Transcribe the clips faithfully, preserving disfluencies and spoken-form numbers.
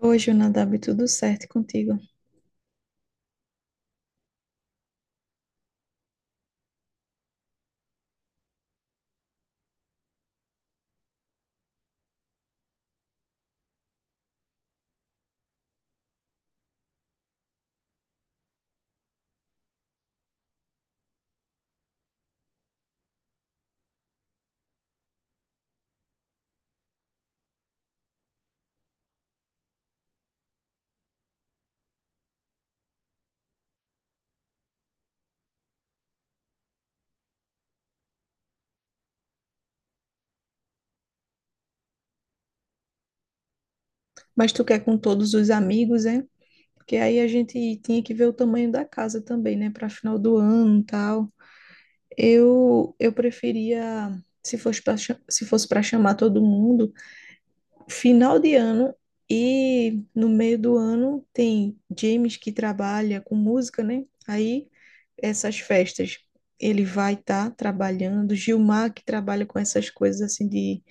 Hoje, o Nadab, tudo certo contigo. Mas tu quer com todos os amigos, é? Porque aí a gente tinha que ver o tamanho da casa também, né? Para final do ano, e tal. Eu eu preferia, se fosse para se fosse para chamar todo mundo, final de ano e no meio do ano tem James que trabalha com música, né? Aí essas festas ele vai estar trabalhando, Gilmar que trabalha com essas coisas assim de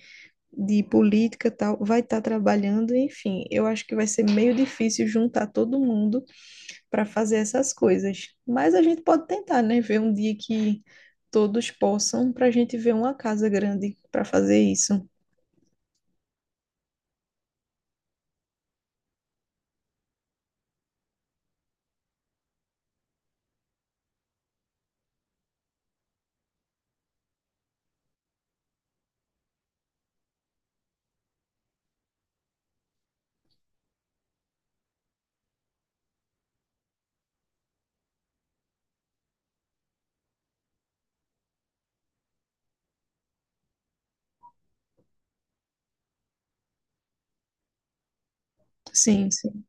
de política tal, vai estar trabalhando, enfim, eu acho que vai ser meio difícil juntar todo mundo para fazer essas coisas. Mas a gente pode tentar, né? Ver um dia que todos possam, para a gente ver uma casa grande para fazer isso. Sim, sim.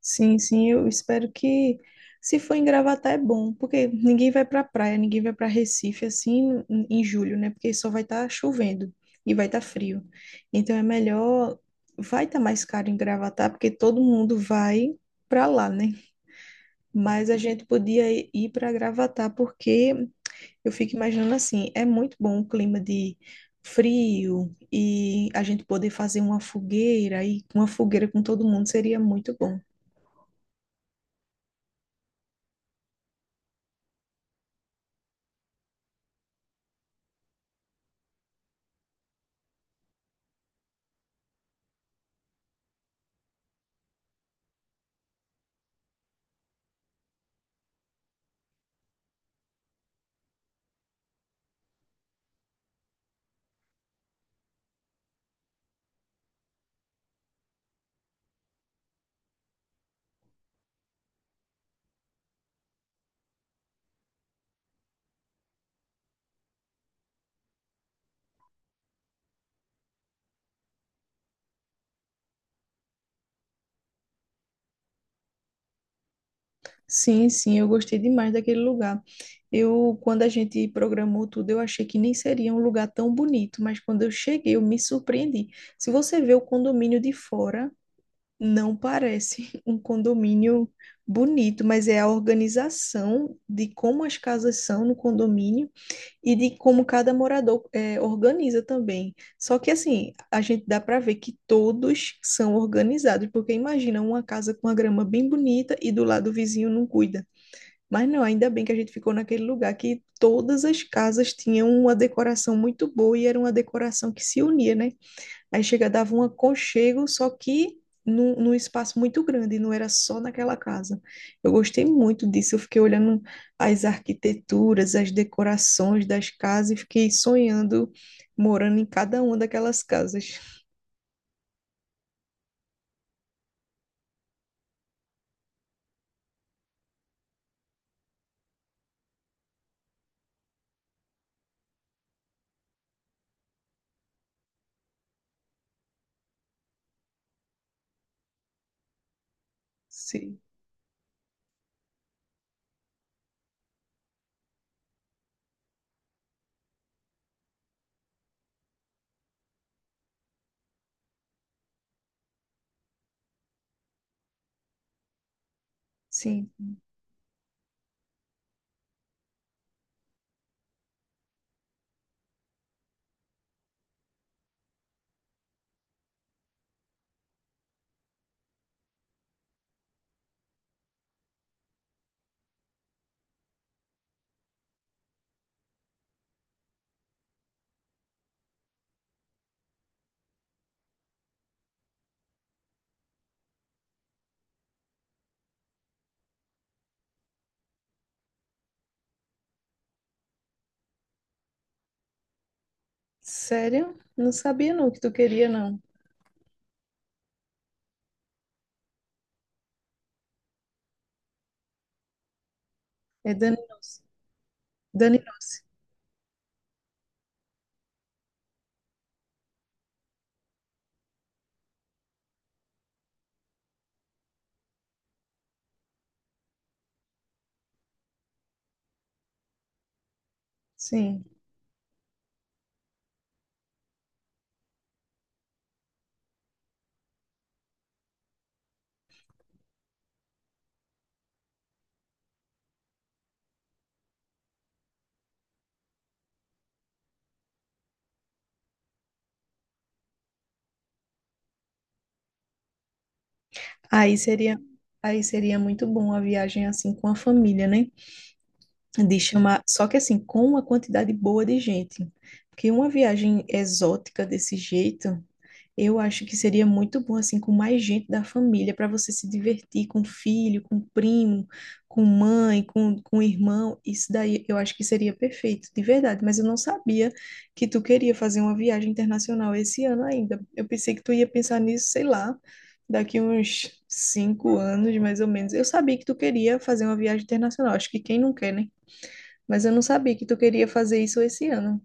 Sim, sim, eu espero que se for em Gravatá é bom, porque ninguém vai para praia, ninguém vai para Recife assim em em julho, né? Porque só vai estar chovendo e vai estar frio. Então é melhor vai estar mais caro em Gravatá, porque todo mundo vai para lá, né? Mas a gente podia i- ir para Gravatá porque eu fico imaginando assim, é muito bom o clima de frio e a gente poder fazer uma fogueira e uma fogueira com todo mundo seria muito bom. Sim, sim, eu gostei demais daquele lugar. Eu, quando a gente programou tudo, eu achei que nem seria um lugar tão bonito, mas quando eu cheguei, eu me surpreendi. Se você vê o condomínio de fora, não parece um condomínio bonito, mas é a organização de como as casas são no condomínio e de como cada morador eh, organiza também. Só que assim, a gente dá para ver que todos são organizados, porque imagina uma casa com a grama bem bonita e do lado o vizinho não cuida. Mas não, ainda bem que a gente ficou naquele lugar que todas as casas tinham uma decoração muito boa e era uma decoração que se unia, né? Aí chega, dava um aconchego, só que num, num espaço muito grande, não era só naquela casa. Eu gostei muito disso, eu fiquei olhando as arquiteturas, as decorações das casas e fiquei sonhando morando em cada uma daquelas casas. Sim, sim. Sério? Não sabia não que tu queria, não. É Dani Nossi. Dani Nossi. Sim. Aí seria, aí seria muito bom a viagem assim com a família, né? De chamar, só que assim, com uma quantidade boa de gente. Porque uma viagem exótica desse jeito eu acho que seria muito bom, assim, com mais gente da família, para você se divertir com filho, com primo, com mãe, com, com irmão. Isso daí eu acho que seria perfeito, de verdade. Mas eu não sabia que tu queria fazer uma viagem internacional esse ano ainda. Eu pensei que tu ia pensar nisso, sei lá, daqui uns cinco anos, mais ou menos. Eu sabia que tu queria fazer uma viagem internacional. Acho que quem não quer, né? Mas eu não sabia que tu queria fazer isso esse ano.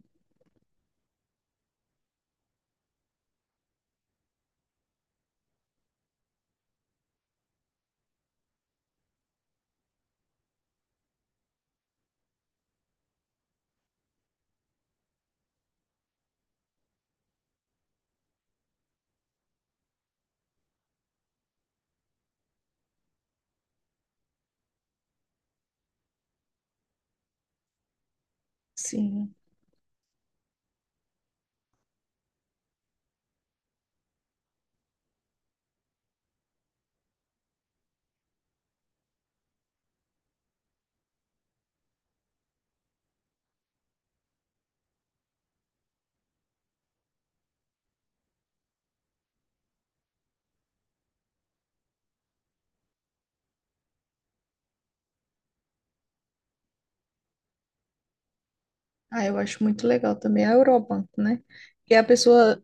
Sim. Ah, eu acho muito legal também a Eurobanco, né? Que é a pessoa,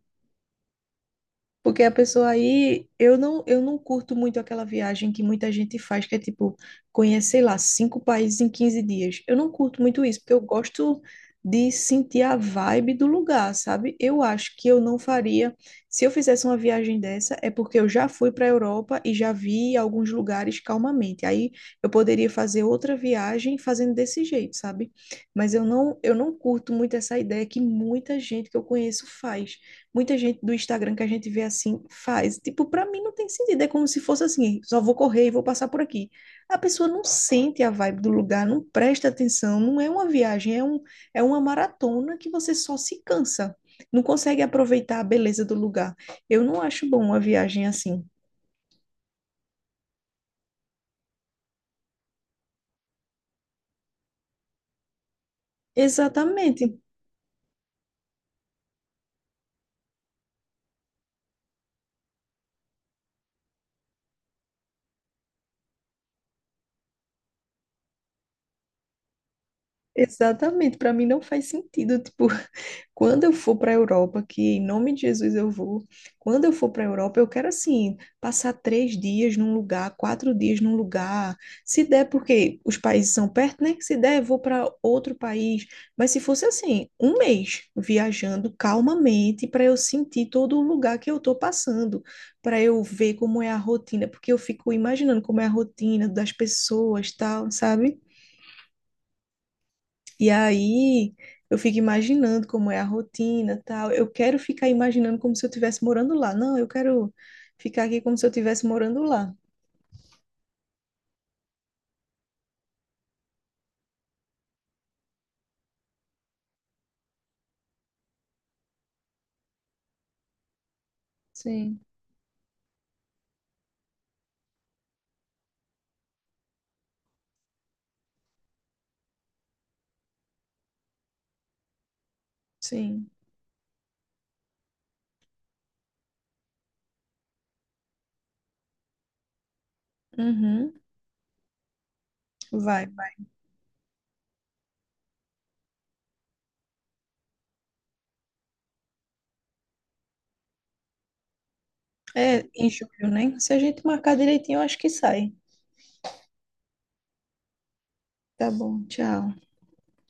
porque a pessoa aí, eu não, eu não curto muito aquela viagem que muita gente faz, que é tipo, conhecer, sei lá, cinco países em quinze dias. Eu não curto muito isso, porque eu gosto de sentir a vibe do lugar, sabe? Eu acho que eu não faria. Se eu fizesse uma viagem dessa, é porque eu já fui para a Europa e já vi alguns lugares calmamente. Aí eu poderia fazer outra viagem fazendo desse jeito, sabe? Mas eu não, eu não curto muito essa ideia que muita gente que eu conheço faz muita gente do Instagram que a gente vê assim faz. Tipo, para mim não tem sentido. É como se fosse assim, só vou correr e vou passar por aqui. A pessoa não sente a vibe do lugar, não presta atenção, não é uma viagem, é um, é uma maratona que você só se cansa. Não consegue aproveitar a beleza do lugar. Eu não acho bom uma viagem assim. Exatamente. Exatamente, para mim não faz sentido, tipo, quando eu for para a Europa, que em nome de Jesus eu vou, quando eu for para a Europa, eu quero assim, passar três dias num lugar, quatro dias num lugar, se der, porque os países são perto, né? Se der, eu vou para outro país, mas se fosse assim, um mês viajando calmamente para eu sentir todo o lugar que eu tô passando, para eu ver como é a rotina, porque eu fico imaginando como é a rotina das pessoas, tal, sabe? E aí eu fico imaginando como é a rotina, tal. Eu quero ficar imaginando como se eu estivesse morando lá. Não, eu quero ficar aqui como se eu estivesse morando lá. Sim, sim. Uhum. Vai, vai. É em julho, né? Se a gente marcar direitinho, eu acho que sai. Tá bom, tchau.